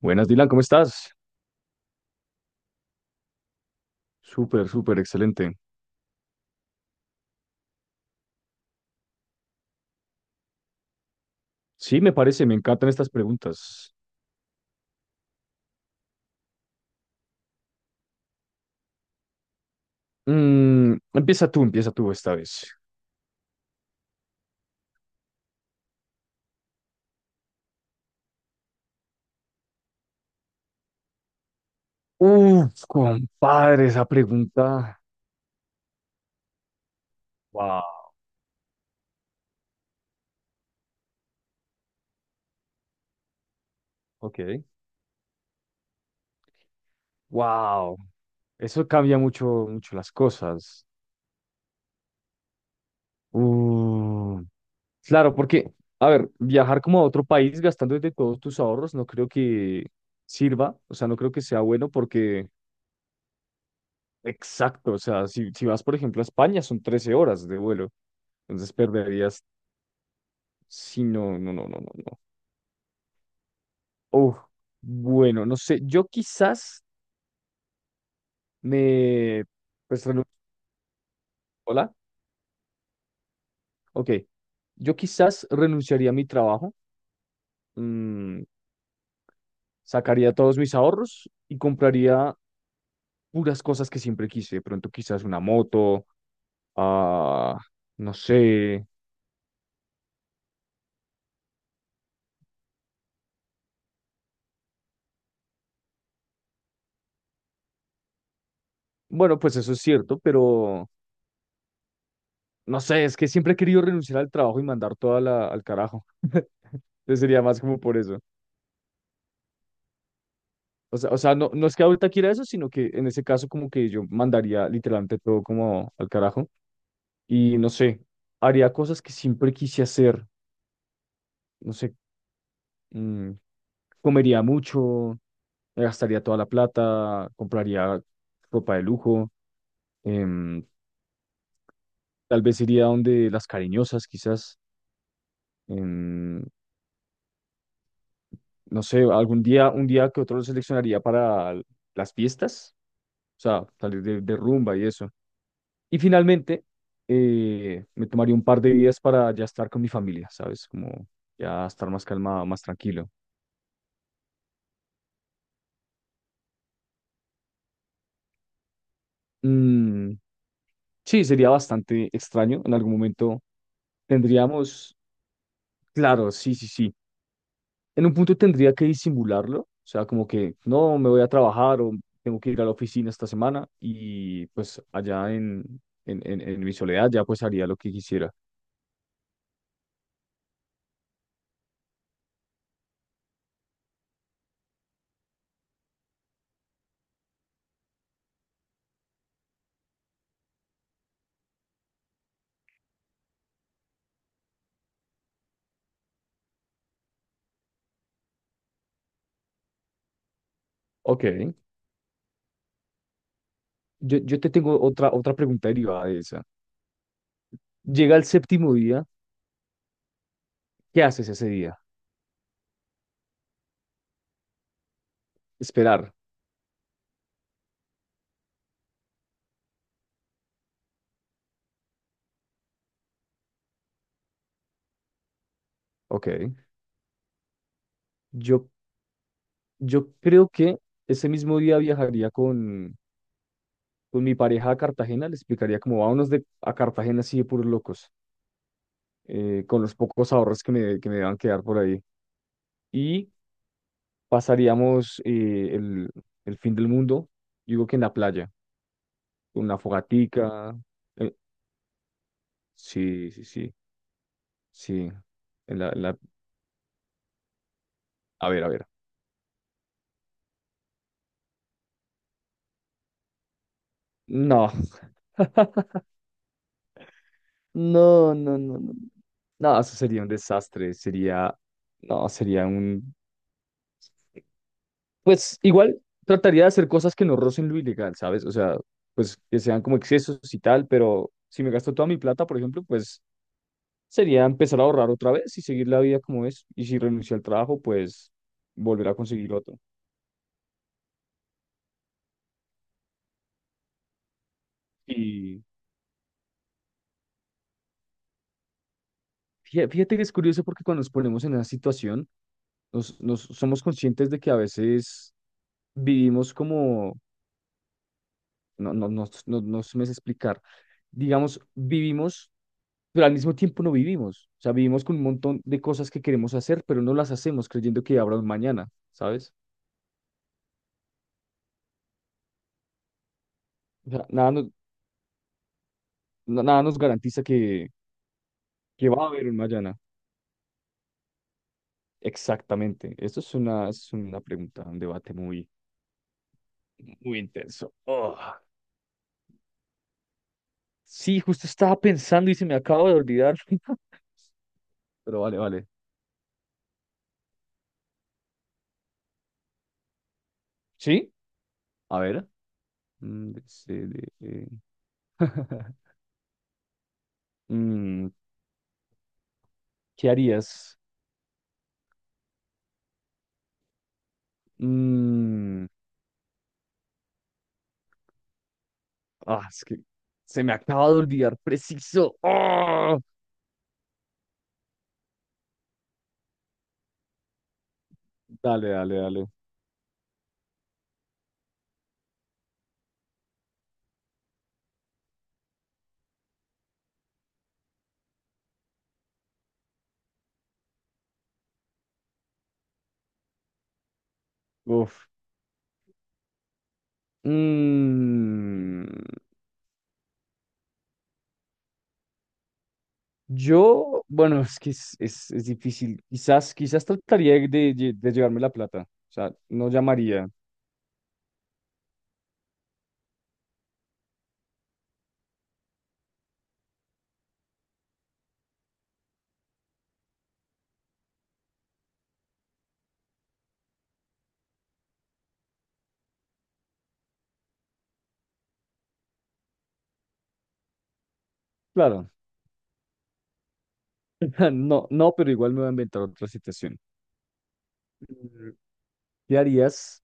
Buenas, Dylan, ¿cómo estás? Súper, súper, excelente. Sí, me parece, me encantan estas preguntas. Empieza tú esta vez. Uf, compadre, esa pregunta. Wow. Ok, wow. Eso cambia mucho, mucho las cosas. Uh, claro, porque, a ver, viajar como a otro país gastando de todos tus ahorros no creo que sirva, o sea, no creo que sea bueno porque, exacto, o sea, si vas, por ejemplo, a España son 13 horas de vuelo, entonces perderías. Sí, no, no, no, no, no, no. Uf, bueno, no sé, yo quizás me, pues, hola. Ok, yo quizás renunciaría a mi trabajo, mm, sacaría todos mis ahorros y compraría puras cosas que siempre quise, de pronto quizás una moto, ah, no sé. Bueno, pues eso es cierto, pero no sé, es que siempre he querido renunciar al trabajo y mandar toda la, al carajo, entonces sería más como por eso. O sea, no, no es que ahorita quiera eso, sino que en ese caso como que yo mandaría literalmente todo como al carajo y no sé, haría cosas que siempre quise hacer, no sé, mm, comería mucho, me gastaría toda la plata, compraría ropa de lujo, em, tal vez iría donde las cariñosas quizás, em, no sé, algún día, un día que otro lo seleccionaría para las fiestas, o sea, salir de rumba y eso. Y finalmente, me tomaría un par de días para ya estar con mi familia, ¿sabes? Como ya estar más calmado, más tranquilo. Mm, sí, sería bastante extraño. En algún momento tendríamos, claro, sí, sí, sí. En un punto tendría que disimularlo, o sea, como que no me voy a trabajar o tengo que ir a la oficina esta semana y pues allá en mi soledad ya pues haría lo que quisiera. Ok, yo te tengo otra, otra pregunta derivada de esa. Llega el séptimo día, ¿qué haces ese día? Esperar. Ok. Yo, yo creo que ese mismo día viajaría con mi pareja a Cartagena, le explicaría cómo vámonos a Cartagena así de puros locos, con los pocos ahorros que me van a quedar por ahí. Y pasaríamos el fin del mundo, digo que en la playa, con una fogatica. Eh, sí, sí, sí, sí. en la, en la- a ver, a ver. No, no, no, no, no. No, eso sería un desastre, sería, no, sería un, pues igual trataría de hacer cosas que no rocen lo ilegal, ¿sabes? O sea, pues que sean como excesos y tal, pero si me gasto toda mi plata, por ejemplo, pues sería empezar a ahorrar otra vez y seguir la vida como es. Y si renuncio al trabajo, pues volver a conseguir otro. Y fíjate, fíjate que es curioso porque cuando nos ponemos en esa situación, nos somos conscientes de que a veces vivimos como, no, no, no, no, no se me sé explicar. Digamos, vivimos pero al mismo tiempo no vivimos. O sea, vivimos con un montón de cosas que queremos hacer, pero no las hacemos creyendo que habrá un mañana, ¿sabes? O sea, nada nos, nada nos garantiza que va a haber un mañana. Exactamente. Esto es una pregunta, un debate muy, muy intenso. Oh. Sí, justo estaba pensando y se me acaba de olvidar. Pero vale, vale. ¿Sí? A ver. D, C, D, E. Mm, ¿qué harías? Mm. Ah, es que se me acaba de olvidar preciso. ¡Ah! Dale, dale, dale. Uf. Mm, yo, bueno, es que es difícil. Quizás, quizás trataría de, de llevarme la plata. O sea, no llamaría. Claro. No, no, pero igual me voy a inventar otra situación. Mm, ¿Qué harías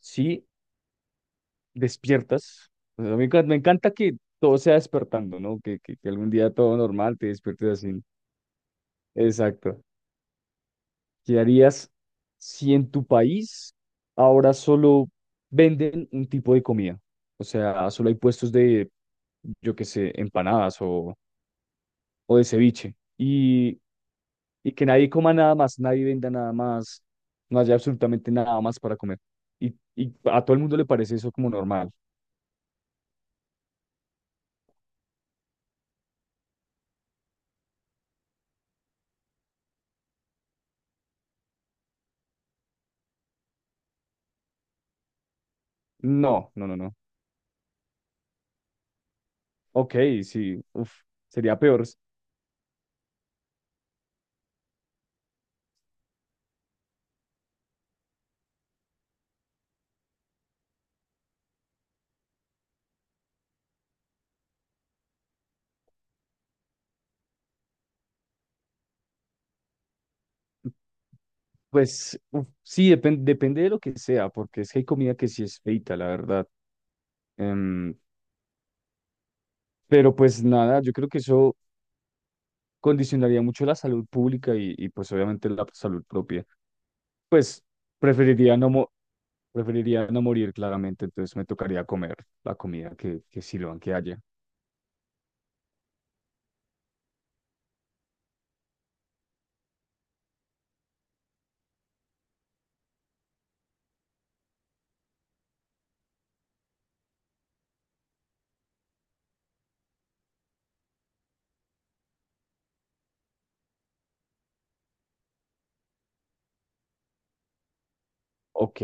si despiertas? O sea, me encanta que todo sea despertando, ¿no? Que algún día todo normal te despiertes así. Exacto. ¿Qué harías si en tu país ahora solo venden un tipo de comida? O sea, solo hay puestos de, yo qué sé, empanadas o de ceviche. Y que nadie coma nada más, nadie venda nada más, no haya absolutamente nada más para comer. Y a todo el mundo le parece eso como normal. No, no, no, no. Ok, sí, uf, sería peor. Pues uf, sí, depende de lo que sea, porque es que hay comida que sí es feita, la verdad. Em, pero pues nada, yo creo que eso condicionaría mucho la salud pública pues obviamente la salud propia. Pues preferiría no, preferiría no morir claramente, entonces me tocaría comer la comida que sirvan que haya. Ok,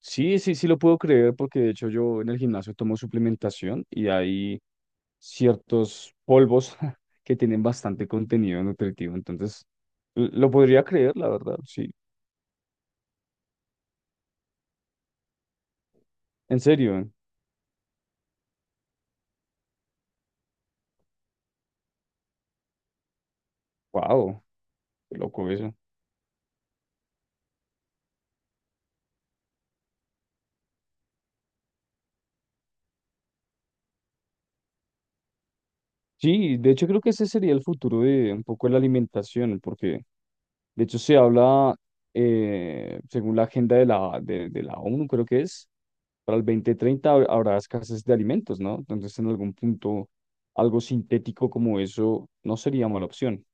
sí, sí, sí lo puedo creer porque de hecho yo en el gimnasio tomo suplementación y hay ciertos polvos que tienen bastante contenido nutritivo, entonces lo podría creer, la verdad, sí. En serio, wow, qué loco eso. Sí, de hecho creo que ese sería el futuro de un poco la alimentación, porque de hecho se habla, según la agenda de la ONU, creo que es, para el 2030 habrá escasez de alimentos, ¿no? Entonces en algún punto algo sintético como eso no sería mala opción.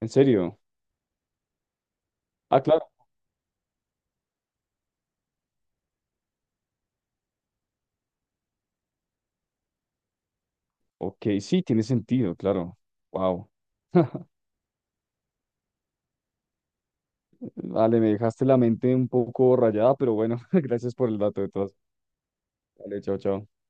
¿En serio? Ah, claro. Ok, sí, tiene sentido, claro. Wow. Vale, me dejaste la mente un poco rayada, pero bueno, gracias por el dato de todas. Vale, chao, chao.